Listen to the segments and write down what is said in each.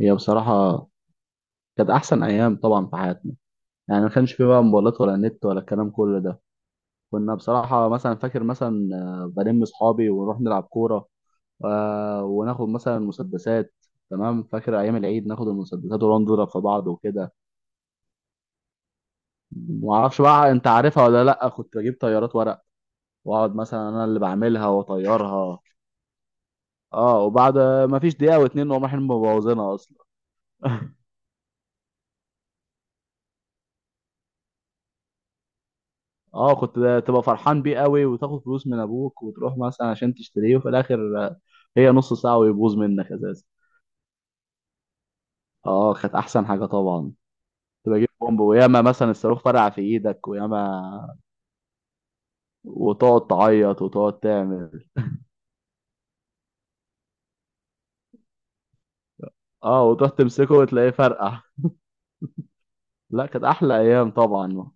هي بصراحة كانت أحسن أيام طبعا في حياتنا. يعني ما كانش في بقى موبايلات ولا نت ولا الكلام كل ده. كنا بصراحة مثلا فاكر مثلا بلم صحابي ونروح نلعب كورة. وناخد مثلا مسدسات. تمام، فاكر أيام العيد ناخد المسدسات ونقعد نضرب في بعض وكده. ما أعرفش بقى أنت عارفها ولا لأ، كنت بجيب طيارات ورق وأقعد مثلا أنا اللي بعملها وأطيرها. أه، وبعد ما فيش دقيقة واتنين وأقوم رايحين مبوظينها أصلا. اه، كنت تبقى فرحان بيه قوي وتاخد فلوس من ابوك وتروح مثلا عشان تشتريه، وفي الاخر آه، هي نص ساعه ويبوظ منك اساسا. اه، كانت احسن حاجه طبعا. تبقى جيب بومب، وياما مثلا الصاروخ فرقع في ايدك وياما وتقعد تعيط وتقعد تعمل. اه، وتروح تمسكه وتلاقيه فرقع. لا، كانت احلى ايام طبعا.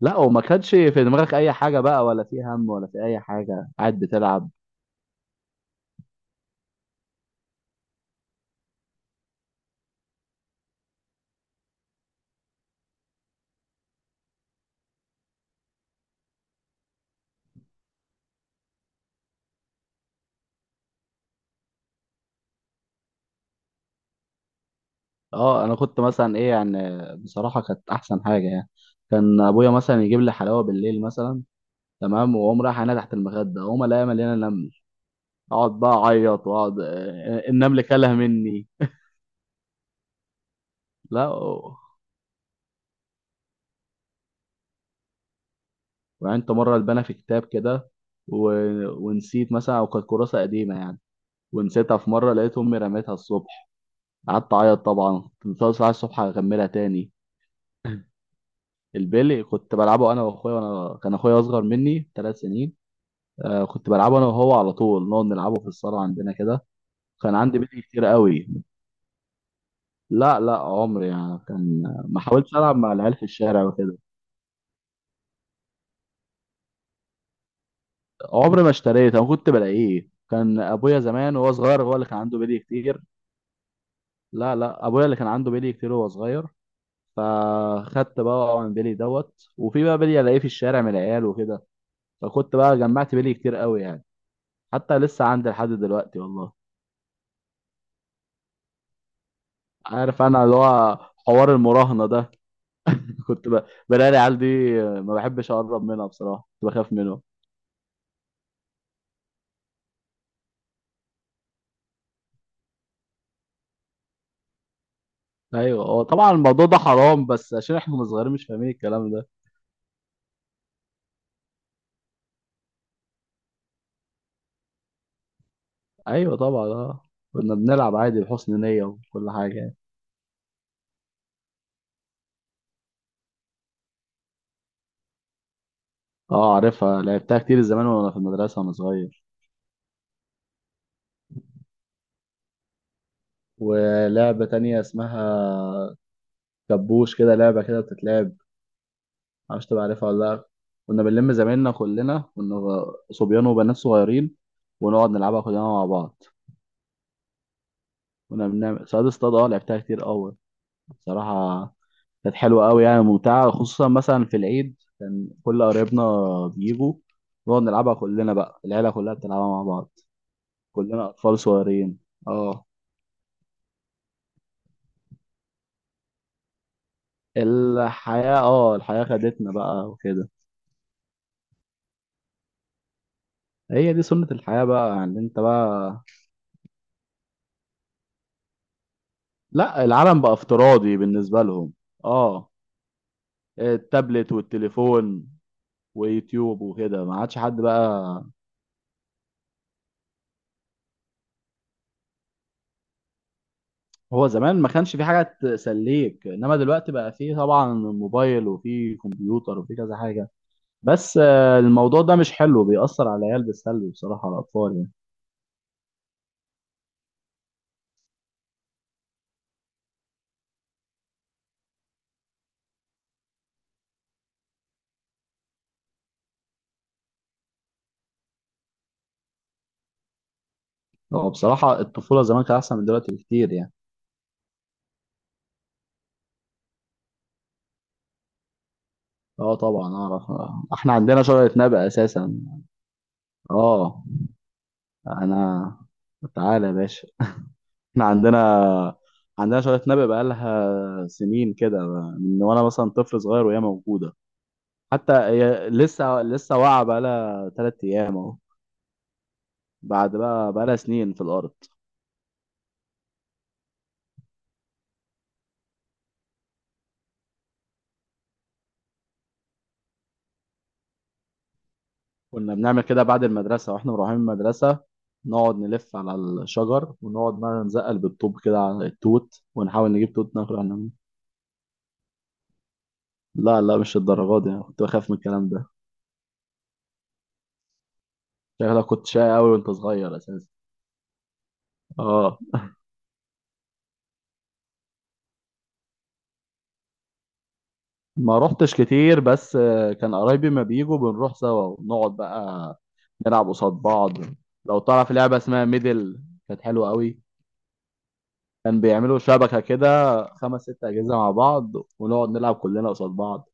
لا، وما كانش في دماغك اي حاجه بقى ولا في هم ولا في اي حاجه، قاعد بتلعب. اه، انا كنت مثلا ايه يعني، بصراحه كانت احسن حاجه يعني. كان ابويا مثلا يجيب لي حلاوه بالليل مثلا، تمام، واقوم رايح انا تحت المخده اقوم الاقيها مليانه نمل. اقعد بقى اعيط واقعد النمل كله مني. لا، وعندت مره البانه في كتاب كده و... ونسيت مثلا، او كانت كراسه قديمه يعني، ونسيتها في مره لقيت امي رميتها الصبح. قعدت اعيط طبعا، كنت طالع الساعه الصبح اغملها تاني. البيلي كنت بلعبه انا واخويا، وانا كان اخويا اصغر مني 3 سنين. كنت بلعبه انا وهو على طول، نقعد نلعبه في الصاله عندنا كده. كان عندي بيلي كتير قوي. لا لا، عمري يعني كان، ما حاولتش العب مع العيال في الشارع وكده. عمري ما اشتريت، انا كنت بلاقيه، كان ابويا زمان وهو صغير هو اللي كان عنده بيلي كتير. لا لا، ابويا اللي كان عنده بيلي كتير وهو صغير. فخدت بقى من بيلي دوت، وفي بقى بيلي الاقيه في الشارع من العيال وكده. فكنت بقى جمعت بيلي كتير قوي يعني. حتى لسه عندي لحد دلوقتي والله. عارف انا اللي هو حوار المراهنة ده. كنت بلاقي العيال دي ما بحبش اقرب منها، بصراحة كنت بخاف منهم. ايوه، هو طبعا الموضوع ده حرام، بس عشان احنا كنا صغيرين مش فاهمين الكلام ده. ايوه طبعا، اه كنا بنلعب عادي بحسن نية وكل حاجة يعني. اه، عارفها، لعبتها كتير زمان وانا في المدرسة وانا صغير. ولعبة تانية اسمها كبوش كده، لعبة كده بتتلعب. معرفش تبقى عارفها ولا لا. كنا بنلم زمايلنا كلنا، كنا صبيان وبنات صغيرين، ونقعد نلعبها كلنا مع بعض. كنا بنعمل صياد اصطاد، اه لعبتها كتير قوي. بصراحة كانت حلوة أوي يعني، ممتعة خصوصا مثلا في العيد كان كل قرايبنا بيجوا، نقعد نلعبها كلنا بقى، العيلة كلها بتلعبها مع بعض، كلنا أطفال صغيرين. اه، الحياة خدتنا بقى وكده. هي دي سنة الحياة بقى، يعني انت بقى. لا، العالم بقى افتراضي بالنسبة لهم. اه، التابلت والتليفون ويوتيوب وكده، ما عادش حد بقى. هو زمان ما كانش في حاجة تسليك، انما دلوقتي بقى فيه طبعا موبايل وفيه كمبيوتر وفيه كذا حاجة. بس الموضوع ده مش حلو بيأثر على العيال بالسلب، بصراحة على الأطفال يعني. هو بصراحة الطفولة زمان كانت أحسن من دلوقتي بكتير يعني. اه طبعا اعرف، احنا عندنا شجرة نبق اساسا. اه انا، تعالى يا باشا. احنا عندنا، عندنا شجرة نبق بقالها سنين كده، من وانا مثلا طفل صغير وهي موجودة. حتى هي لسه لسه واقعة بقالها 3 أيام أهو، بعد بقى بقالها سنين في الأرض. كنا بنعمل كده بعد المدرسة واحنا مروحين من المدرسة، نقعد نلف على الشجر ونقعد بقى نزقل بالطوب كده على التوت، ونحاول نجيب توت ناكله احنا منه. لا لا، مش الدرجات دي، أنا كنت بخاف من الكلام ده. شكلك كنت شقي قوي وانت صغير اساسا. اه، ما روحتش كتير، بس كان قرايبي ما بيجوا بنروح سوا ونقعد بقى نلعب قصاد بعض. لو تعرف لعبة اسمها ميدل، كانت حلوة قوي. كان بيعملوا شبكة كده خمس ست أجهزة مع بعض، ونقعد نلعب كلنا قصاد بعض.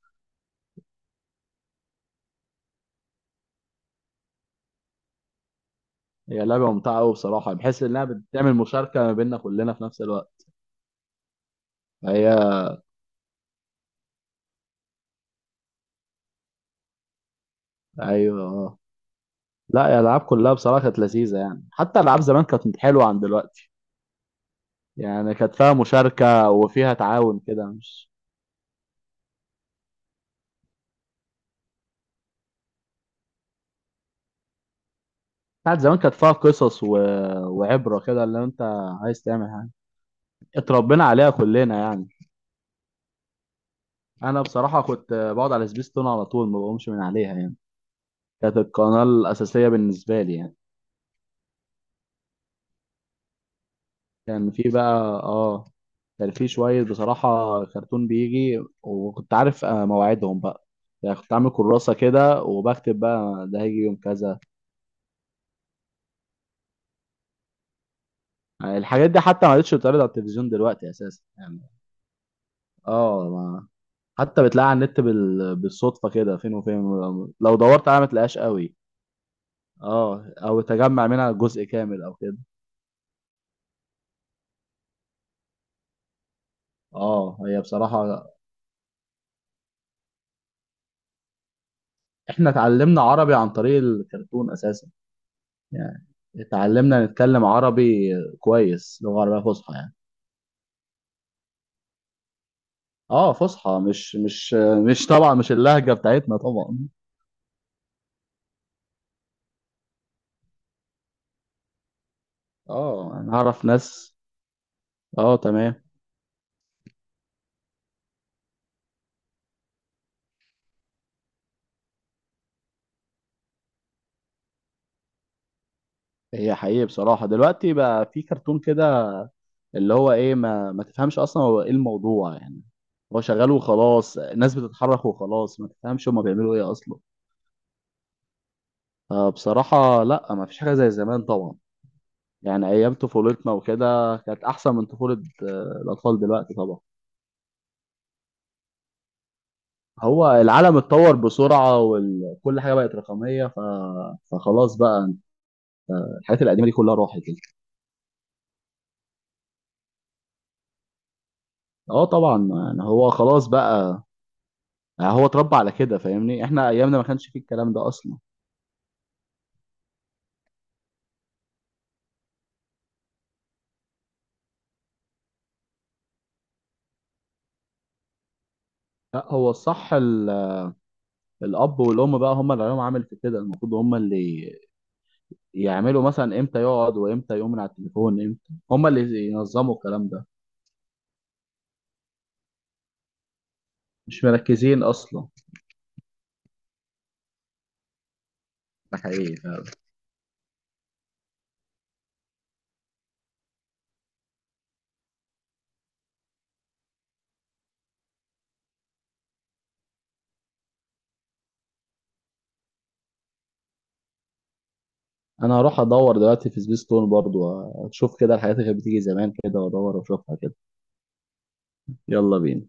هي لعبة ممتعة أوي بصراحة، بحس إنها بتعمل مشاركة ما بيننا كلنا في نفس الوقت. هي أيوه أه. لا يا، الألعاب كلها بصراحة كانت لذيذة يعني، حتى ألعاب زمان كانت حلوة عن دلوقتي. يعني كانت فيها مشاركة وفيها تعاون كده، مش بتاعت زمان كانت فيها قصص وعبرة كده، اللي أنت عايز تعمل حاجة اتربينا عليها كلنا يعني. أنا بصراحة كنت بقعد على سبيستون على طول ما بقومش من عليها يعني، كانت القناة الأساسية بالنسبة لي يعني. كان في بقى، اه كان في شوية بصراحة كرتون بيجي وكنت عارف مواعيدهم بقى. يعني كنت عامل كراسة كده وبكتب بقى ده هيجي يوم كذا. يعني الحاجات دي حتى ما عادتش بتتعرض على التلفزيون دلوقتي أساسا يعني. اه، ما حتى بتلاقي على النت بالصدفة كده فين وفين. لو دورت عليها ما تلاقيهاش قوي، اه او تجمع منها جزء كامل او كده. اه، هي بصراحة احنا اتعلمنا عربي عن طريق الكرتون أساسا، يعني اتعلمنا نتكلم عربي كويس، لغة عربية فصحى يعني. اه، فصحى، مش طبعا مش اللهجة بتاعتنا طبعا. اه انا اعرف ناس. اه تمام. هي حقيقي بصراحة دلوقتي بقى في كرتون كده، اللي هو ايه ما تفهمش اصلا هو ايه الموضوع يعني. هو شغال وخلاص، الناس بتتحرك وخلاص، ما تفهمش هما بيعملوا ايه اصلا. فبصراحة لا، ما فيش حاجة زي زمان طبعا. يعني ايام طفولتنا وكده كانت احسن من طفولة الاطفال دلوقتي طبعا. هو العالم اتطور بسرعة وكل حاجة بقت رقمية فخلاص بقى، الحاجات القديمة دي كلها راحت يعني. اه طبعا، يعني هو خلاص بقى، يعني هو اتربى على كده فاهمني، احنا ايامنا ما كانش فيه الكلام ده اصلا. لا، هو الصح الاب والام بقى هم اللي عليهم عامل في كده، المفروض هم اللي يعملوا مثلا امتى يقعد وامتى يقوم من على التليفون، امتى هم اللي ينظموا الكلام ده. مش مركزين اصلا. ده حقيقي فعلا. انا هروح ادور دلوقتي في سبيس تون برضو، اشوف كده الحاجات اللي كانت بتيجي زمان كده وادور واشوفها كده. يلا بينا.